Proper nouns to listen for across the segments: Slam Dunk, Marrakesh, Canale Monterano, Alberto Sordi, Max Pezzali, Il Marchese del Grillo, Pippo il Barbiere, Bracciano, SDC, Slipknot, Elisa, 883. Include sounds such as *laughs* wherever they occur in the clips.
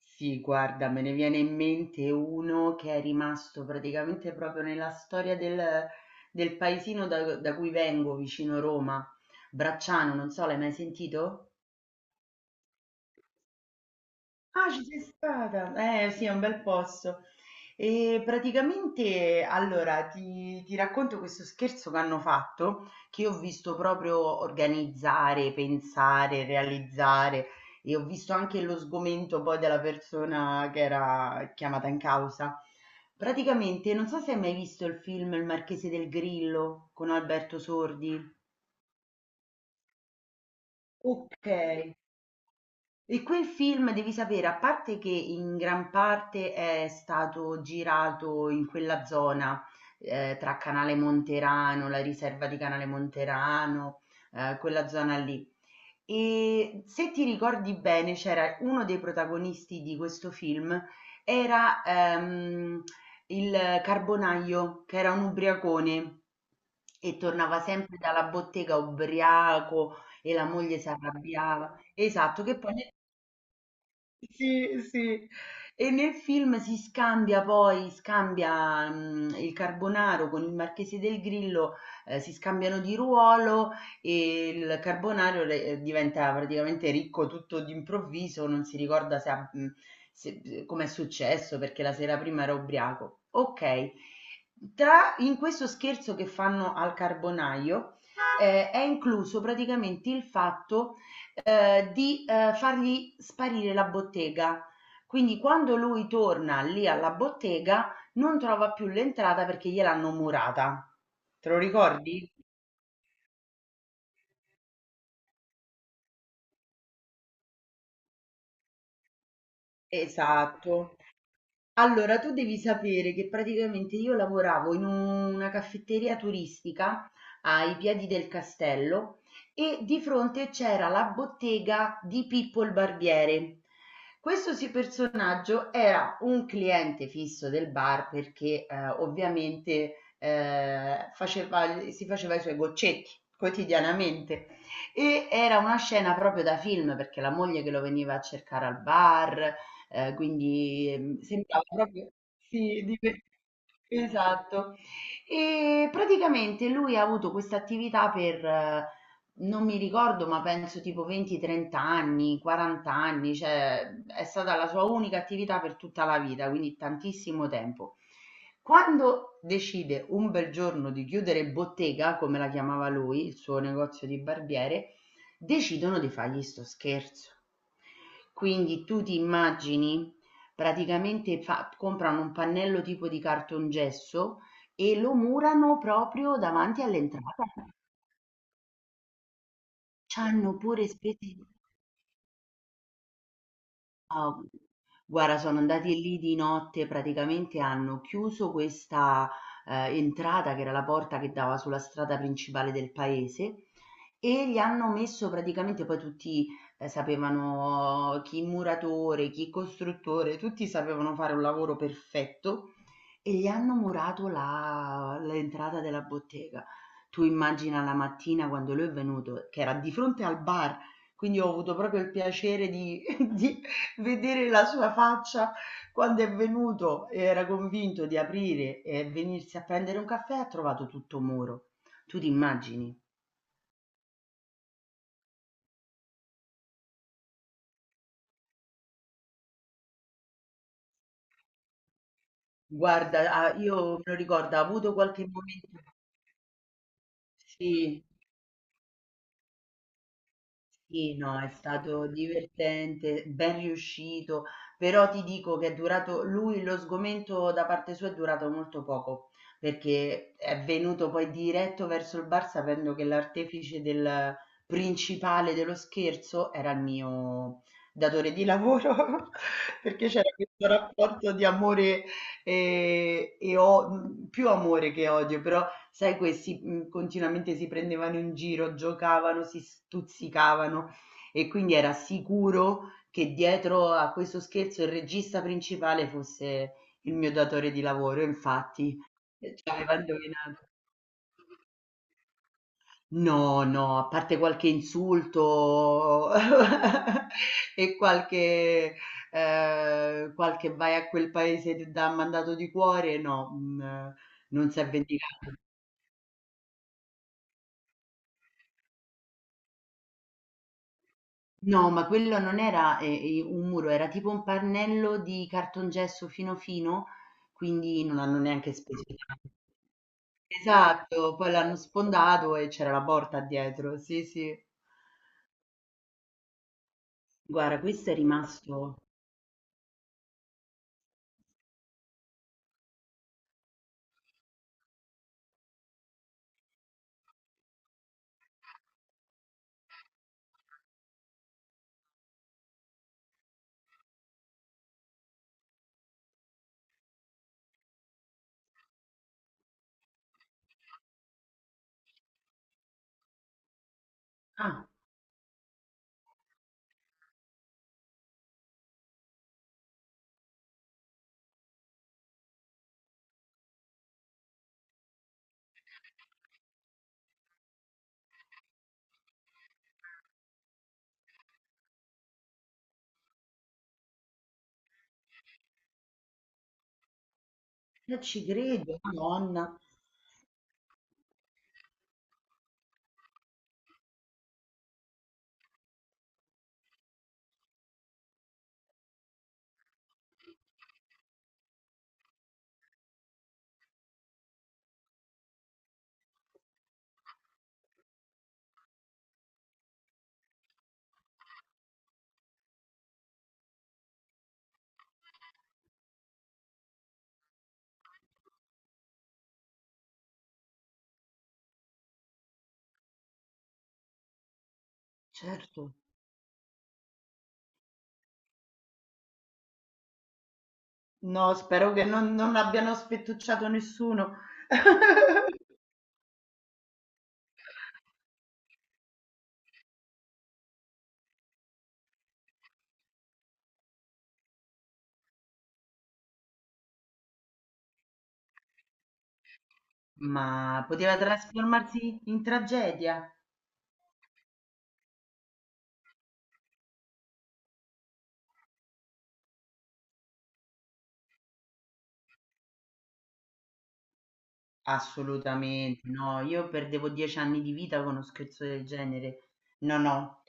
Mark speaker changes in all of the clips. Speaker 1: Sì, guarda, me ne viene in mente uno che è rimasto praticamente proprio nella storia del paesino da cui vengo, vicino Roma, Bracciano, non so, l'hai mai sentito? Ah, ci sei stata? Eh sì, è un bel posto. E praticamente, allora, ti racconto questo scherzo che hanno fatto, che ho visto proprio organizzare, pensare, realizzare, e ho visto anche lo sgomento poi della persona che era chiamata in causa. Praticamente, non so se hai mai visto il film Il Marchese del Grillo con Alberto Sordi. Ok, e quel film devi sapere, a parte che in gran parte è stato girato in quella zona, tra Canale Monterano, la riserva di Canale Monterano, quella zona lì. E se ti ricordi bene, c'era uno dei protagonisti di questo film, era il Carbonaio, che era un ubriacone e tornava sempre dalla bottega ubriaco e la moglie si arrabbiava. Esatto, che poi sì, sì. E nel film si scambia poi, scambia il Carbonaro con il Marchese del Grillo, si scambiano di ruolo e il Carbonaro diventa praticamente ricco tutto d'improvviso, non si ricorda se ha, come è successo perché la sera prima era ubriaco. Ok, in questo scherzo che fanno al Carbonaio è incluso praticamente il fatto di fargli sparire la bottega. Quindi quando lui torna lì alla bottega non trova più l'entrata perché gliel'hanno murata. Te lo ricordi? Esatto. Allora, tu devi sapere che praticamente io lavoravo in una caffetteria turistica ai piedi del castello e di fronte c'era la bottega di Pippo il Barbiere. Questo sì personaggio era un cliente fisso del bar perché ovviamente faceva- si faceva i suoi goccetti quotidianamente e era una scena proprio da film perché la moglie che lo veniva a cercare al bar, quindi, sembrava proprio sì, di que esatto. E praticamente lui ha avuto questa attività per non mi ricordo, ma penso tipo 20, 30 anni, 40 anni, cioè è stata la sua unica attività per tutta la vita, quindi tantissimo tempo. Quando decide un bel giorno di chiudere bottega, come la chiamava lui, il suo negozio di barbiere, decidono di fargli sto scherzo. Quindi tu ti immagini, praticamente comprano un pannello tipo di cartongesso e lo murano proprio davanti all'entrata. C'hanno pure spese. Ah, o guarda, sono andati lì di notte, praticamente hanno chiuso questa, entrata che era la porta che dava sulla strada principale del paese e gli hanno messo praticamente poi tutti, sapevano chi muratore, chi costruttore, tutti sapevano fare un lavoro perfetto e gli hanno murato la l'entrata della bottega. Tu immagina la mattina quando lui è venuto, che era di fronte al bar, quindi ho avuto proprio il piacere di *laughs* di vedere la sua faccia quando è venuto, era convinto di aprire e venirsi a prendere un caffè, ha trovato tutto muro. Tu ti immagini? Guarda, ah, io me lo ricordo, ha avuto qualche momento sì. Sì, no, è stato divertente, ben riuscito, però ti dico che è durato, lui lo sgomento da parte sua è durato molto poco, perché è venuto poi diretto verso il bar sapendo che l'artefice del principale dello scherzo era il mio datore di lavoro, *laughs* perché c'era questo rapporto di amore più amore che odio, però sai questi, continuamente si prendevano in giro, giocavano, si stuzzicavano e quindi era sicuro che dietro a questo scherzo il regista principale fosse il mio datore di lavoro, e infatti, ci aveva indovinato. No, no, a parte qualche insulto *laughs* e qualche qualche "vai a quel paese, che ti dà mandato di cuore", no, non s'è vendicato. No, ma quello non era, un muro, era tipo un pannello di cartongesso fino fino, quindi non hanno neanche specificato. Esatto, poi l'hanno sfondato e c'era la porta dietro, sì, sì. Guarda, questo è rimasto ah, non ci credo, Madonna, certo. No, spero che non, non abbiano sfettucciato nessuno. *laughs* Ma poteva trasformarsi in tragedia. Assolutamente, no, io perdevo 10 anni di vita con uno scherzo del genere. No, no.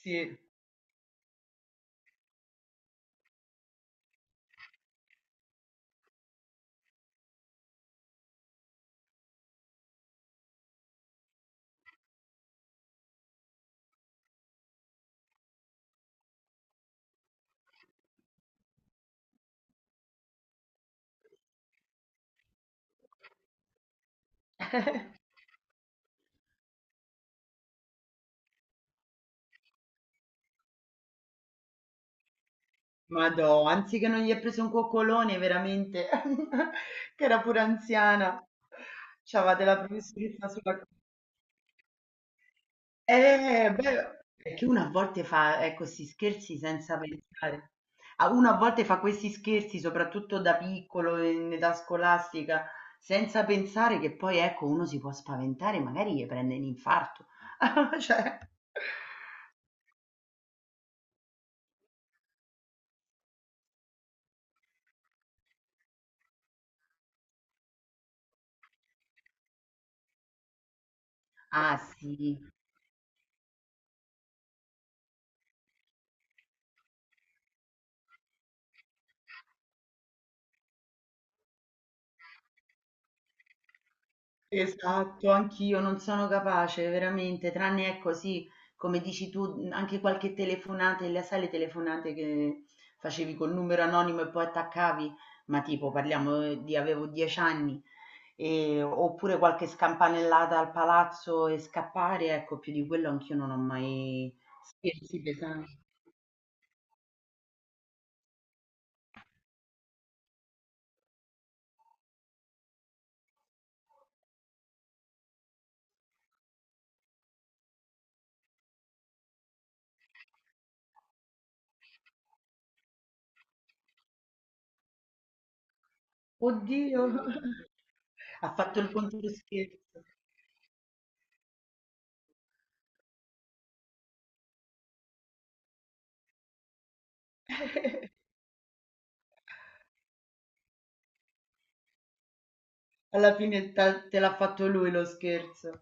Speaker 1: Sì, ma no, anziché non gli è preso un coccolone, veramente, *laughs* che era pure anziana. C'aveva della professoressa sulla eh, beh, perché uno a volte fa, ecco, 'sti scherzi senza pensare. A uno a volte fa questi scherzi, soprattutto da piccolo, in età scolastica, senza pensare che poi, ecco, uno si può spaventare, magari gli prende l'infarto. *laughs* Cioè ah sì. Esatto, anch'io non sono capace veramente, tranne ecco sì, come dici tu, anche qualche telefonata, sai le telefonate che facevi col numero anonimo e poi attaccavi, ma tipo parliamo di avevo 10 anni, oppure qualche scampanellata al palazzo e scappare, ecco, più di quello anch'io non ho mai scherzi pesanti. Oddio, *laughs* ha fatto il contro scherzo. *laughs* Alla fine te l'ha fatto lui lo scherzo.